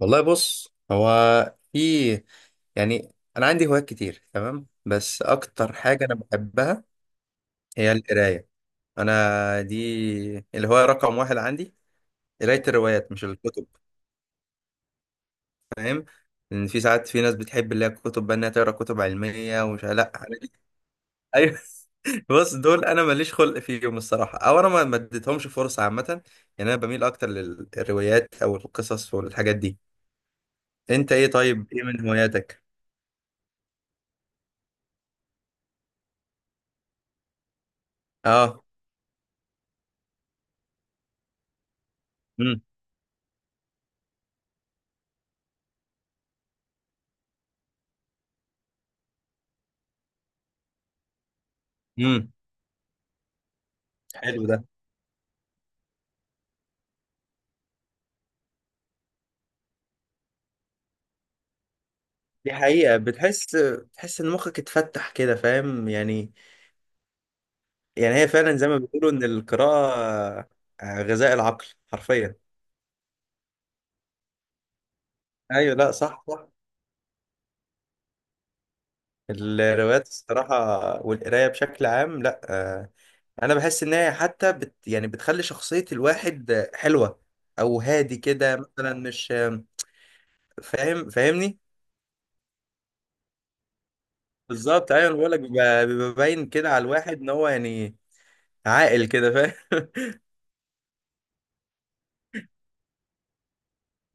والله، بص. هو في يعني انا عندي هوايات كتير، تمام. بس اكتر حاجه انا بحبها هي القرايه. انا دي الهوايه رقم واحد عندي، قرايه الروايات مش الكتب، فاهم. لان في ساعات في ناس بتحب اللي هي الكتب بقى انها تقرا كتب علميه، ومش، لا، ايوه. بص، دول انا ماليش خلق فيهم الصراحه، او انا ما اديتهمش فرصه عامه، يعني. انا بميل اكتر للروايات او القصص والحاجات دي. انت ايه؟ طيب، ايه من هواياتك؟ اه. امم إمم. حلو ده. دي حقيقة، بتحس ان مخك اتفتح كده، فاهم، يعني. يعني هي فعلا زي ما بيقولوا ان القراءة غذاء العقل، حرفيا. ايوه، لا، صح صح، الروايات الصراحة والقراية بشكل عام، لا. آه، انا بحس ان هي حتى بت يعني بتخلي شخصية الواحد حلوة، او هادي كده مثلا، مش آه، فاهم، فاهمني؟ بالظبط. ايوه، بقول لك، بيبقى باين كده على الواحد ان هو يعني عاقل كده، فاهم.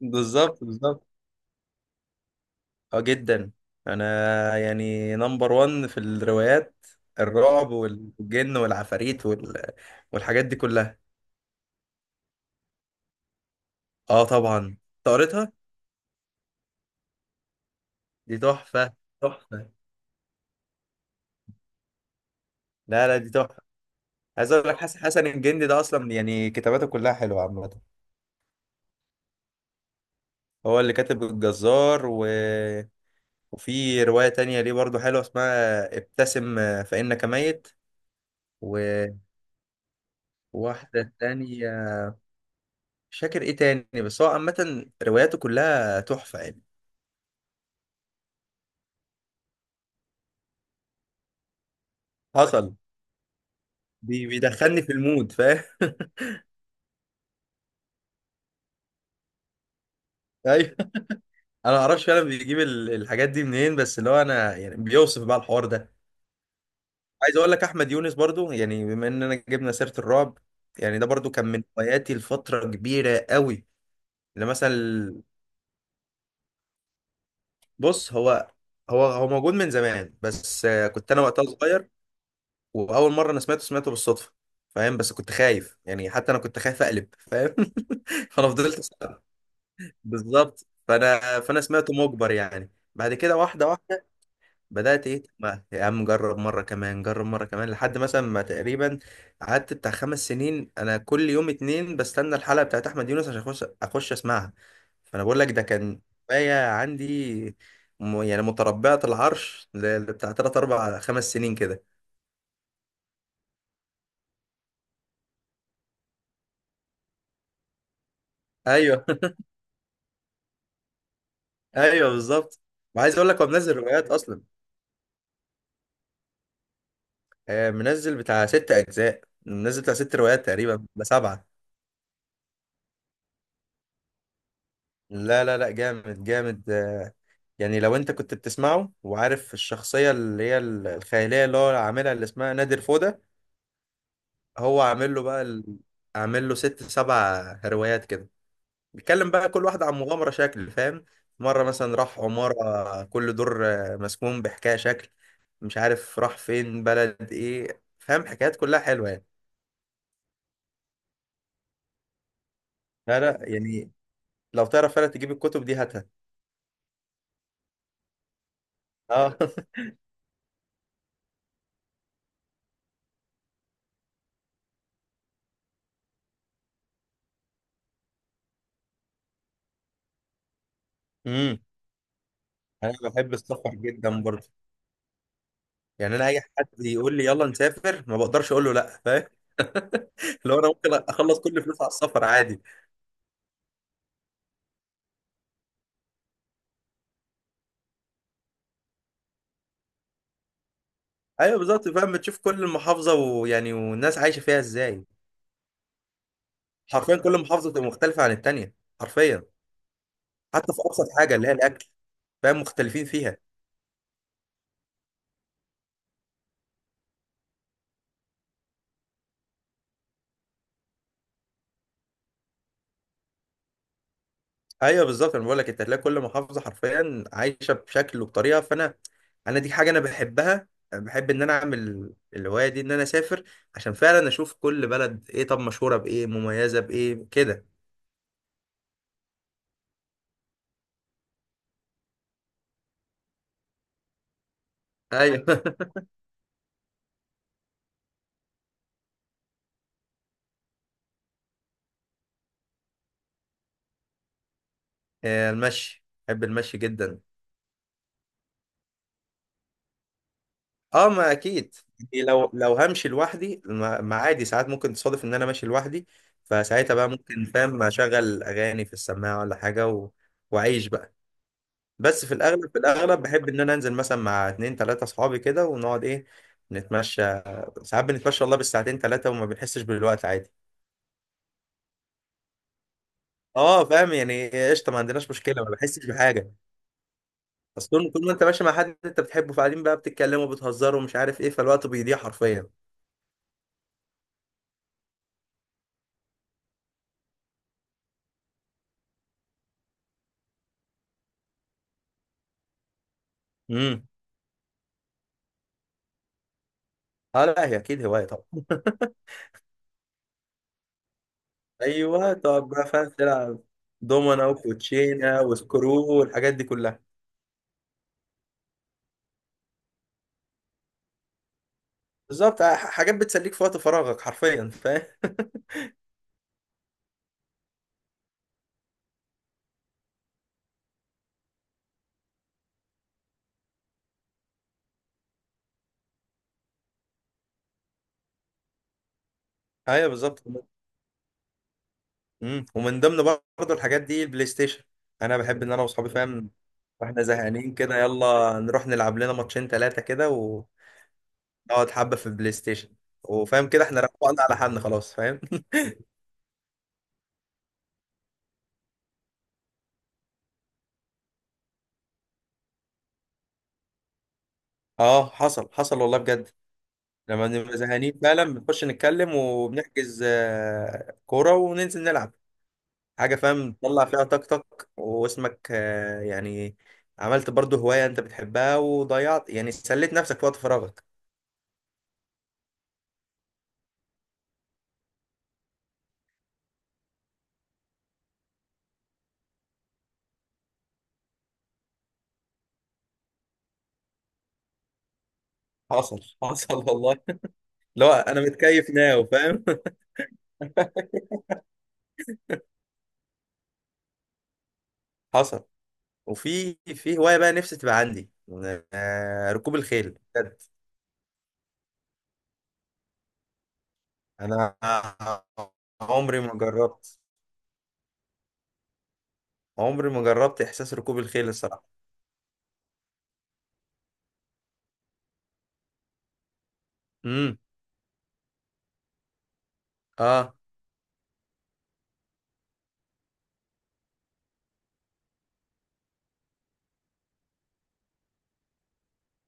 بالظبط بالظبط. اه جدا. انا يعني نمبر وان في الروايات، الرعب والجن والعفاريت والحاجات دي كلها. اه طبعا، قريتها. دي تحفة، تحفة. لا لا، دي تحفة. عايز اقول لك حسن الجندي ده اصلا، يعني كتاباته كلها حلوة عامة. هو اللي كاتب الجزار وفي رواية تانية ليه برضو حلوة، اسمها ابتسم فإنك ميت. وواحدة تانية مش فاكر ايه تاني، بس هو عامة رواياته كلها تحفة، يعني. حصل. بيدخلني في المود، فاهم. ايوه. انا ما اعرفش فعلا بيجيب الحاجات دي منين، بس اللي هو انا يعني بيوصف بقى الحوار ده. عايز اقول لك احمد يونس برضو، يعني بما اننا جبنا سيره الرعب، يعني ده برضو كان من هواياتي لفتره كبيره قوي. اللي مثلا، بص، هو هو هو موجود من زمان، بس كنت انا وقتها صغير. واول مره انا سمعته بالصدفه، فاهم. بس كنت خايف، يعني حتى انا كنت خايف اقلب، فاهم. فانا فضلت. بالظبط. فانا سمعته مجبر، يعني بعد كده واحده واحده بدأت، ايه، ما يا عم جرب مرة كمان، جرب مرة كمان، لحد مثلا ما تقريبا قعدت بتاع 5 سنين انا كل يوم اتنين بستنى الحلقة بتاعت احمد يونس عشان اخش اخش اسمعها. فانا بقول لك ده كان هواية عندي، يعني متربعة العرش بتاع 3 4 5 سنين كده. ايوه. ايوه بالظبط. وعايز اقول لك هو منزل روايات اصلا. منزل بتاع 6 اجزاء، منزل بتاع 6 روايات تقريبا ب7. لا لا لا، جامد جامد، يعني لو انت كنت بتسمعه وعارف الشخصية اللي هي الخيالية اللي هو عاملها، اللي اسمها نادر فودة. هو عامل له بقى عامل له 6 7 روايات كده، بيتكلم بقى كل واحدة عن مغامرة شكل، فاهم. مرة مثلا راح عمارة كل دور مسكون بحكاية شكل، مش عارف راح فين، بلد ايه، فاهم، حكايات كلها حلوة يعني. لا لا، يعني لو تعرف فعلا تجيب الكتب دي، هاتها. اه. امم. انا بحب السفر جدا برضه. يعني انا اي حد يقول لي يلا نسافر ما بقدرش اقول له لا، فاهم. لو انا ممكن اخلص كل فلوس على السفر، عادي. ايوه بالظبط، فاهم، بتشوف كل محافظه، ويعني والناس عايشه فيها ازاي. حرفيا كل محافظه بتبقى مختلفه عن التانيه، حرفيا. حتى في ابسط حاجه اللي هي الاكل، فاهم، مختلفين فيها. ايوه بالظبط، انا بقول لك انت هتلاقي كل محافظه حرفيا عايشه بشكل وبطريقه. فانا، انا دي حاجه انا بحبها، بحب ان انا اعمل الهوايه دي ان انا اسافر، عشان فعلا اشوف كل بلد ايه، طب مشهوره بايه، مميزه بايه كده. ايوه. المشي، بحب المشي جدا. اه، ما اكيد يعني، لو همشي لوحدي ما، عادي ساعات ممكن تصادف ان انا ماشي لوحدي. فساعتها بقى ممكن، فاهم، اشغل اغاني في السماعه ولا حاجه واعيش بقى. بس في الاغلب، بحب ان انا انزل مثلا مع اتنين تلاته اصحابي كده، ونقعد، ايه، نتمشى. ساعات بنتمشى والله بالساعتين 3 وما بنحسش بالوقت، عادي. اه فاهم، يعني قشطه، ما عندناش مشكله، ما بحسش بحاجه. اصل طول طول ما انت ماشي مع حد انت بتحبه، فقاعدين بقى بتتكلموا وبتهزروا ومش عارف ايه، فالوقت بيضيع حرفيا. امم اه، لا هي اكيد هوايه طبعا. ايوه تقعد بقى، فاهم، تلعب دومنا وكوتشينه وسكرو والحاجات دي كلها. بالظبط. حاجات بتسليك في وقت فراغك، حرفيا، فاهم. ايوه بالظبط. ومن ضمن برضه الحاجات دي البلاي ستيشن. انا بحب ان انا واصحابي، فاهم، واحنا زهقانين كده، يلا نروح نلعب لنا ماتشين ثلاثه كده ونقعد حبه في البلاي ستيشن، وفاهم كده احنا روقنا على حالنا خلاص، فاهم. اه حصل حصل والله، بجد. لما بنبقى زهقانين فعلا بنخش نتكلم وبنحجز كورة وننزل نلعب حاجة، فاهم، تطلع فيها طاقتك واسمك يعني. عملت برضو هواية انت بتحبها، وضيعت، يعني سليت نفسك في وقت فراغك. حصل حصل والله. لو انا متكيف ناو، فاهم. حصل. وفي في هواية بقى نفسي تبقى عندي، ركوب الخيل، بجد. انا عمري ما جربت، عمري ما جربت احساس ركوب الخيل، الصراحة. امم. اه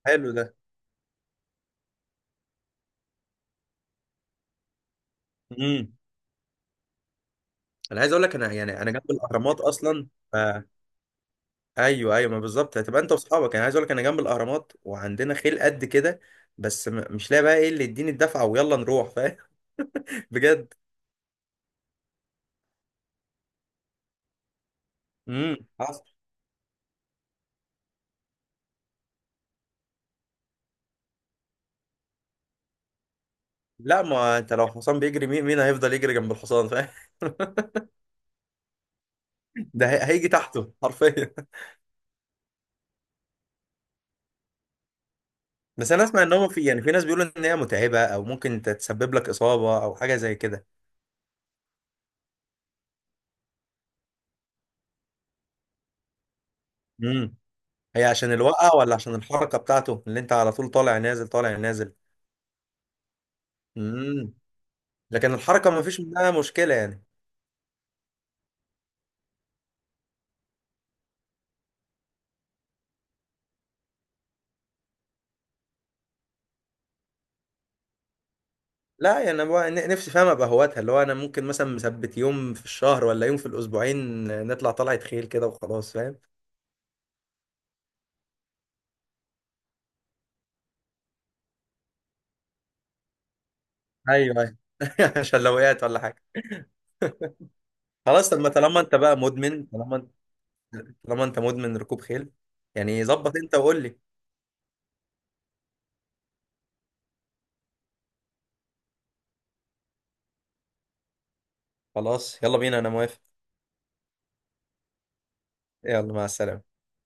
حلو ده. امم. انا عايز اقول لك، انا يعني انا جنب الاهرامات اصلا، ف... ايوه ايوه، ما بالظبط، هتبقى انت واصحابك، انا عايز اقول لك انا جنب الاهرامات وعندنا خيل قد كده، بس مش لاقي بقى ايه اللي يديني الدفعه ويلا نروح، فاهم. بجد. حصل. لا، ما انت لو حصان بيجري، مين مين هيفضل يجري جنب الحصان، فاهم. ده هيجي تحته حرفيا. بس انا اسمع ان هو في، يعني في ناس بيقولوا ان هي متعبه او ممكن تتسبب لك اصابه او حاجه زي كده. امم. هي عشان الوقعة، ولا عشان الحركة بتاعته اللي انت على طول طالع نازل طالع نازل؟ امم. لكن الحركة ما فيش منها مشكلة، يعني. لا يعني انا بقى نفسي، فاهم، ابقى هواتها، اللي هو انا ممكن مثلا مثبت يوم في الشهر ولا يوم في الاسبوعين نطلع طلعة خيل كده وخلاص، فاهم. ايوه ايوه. عشان لو وقعت ولا حاجة. خلاص. طب ما طالما انت مدمن ركوب خيل، يعني ظبط انت وقول لي. خلاص يلا بينا، انا موافق. يلا مع السلامة.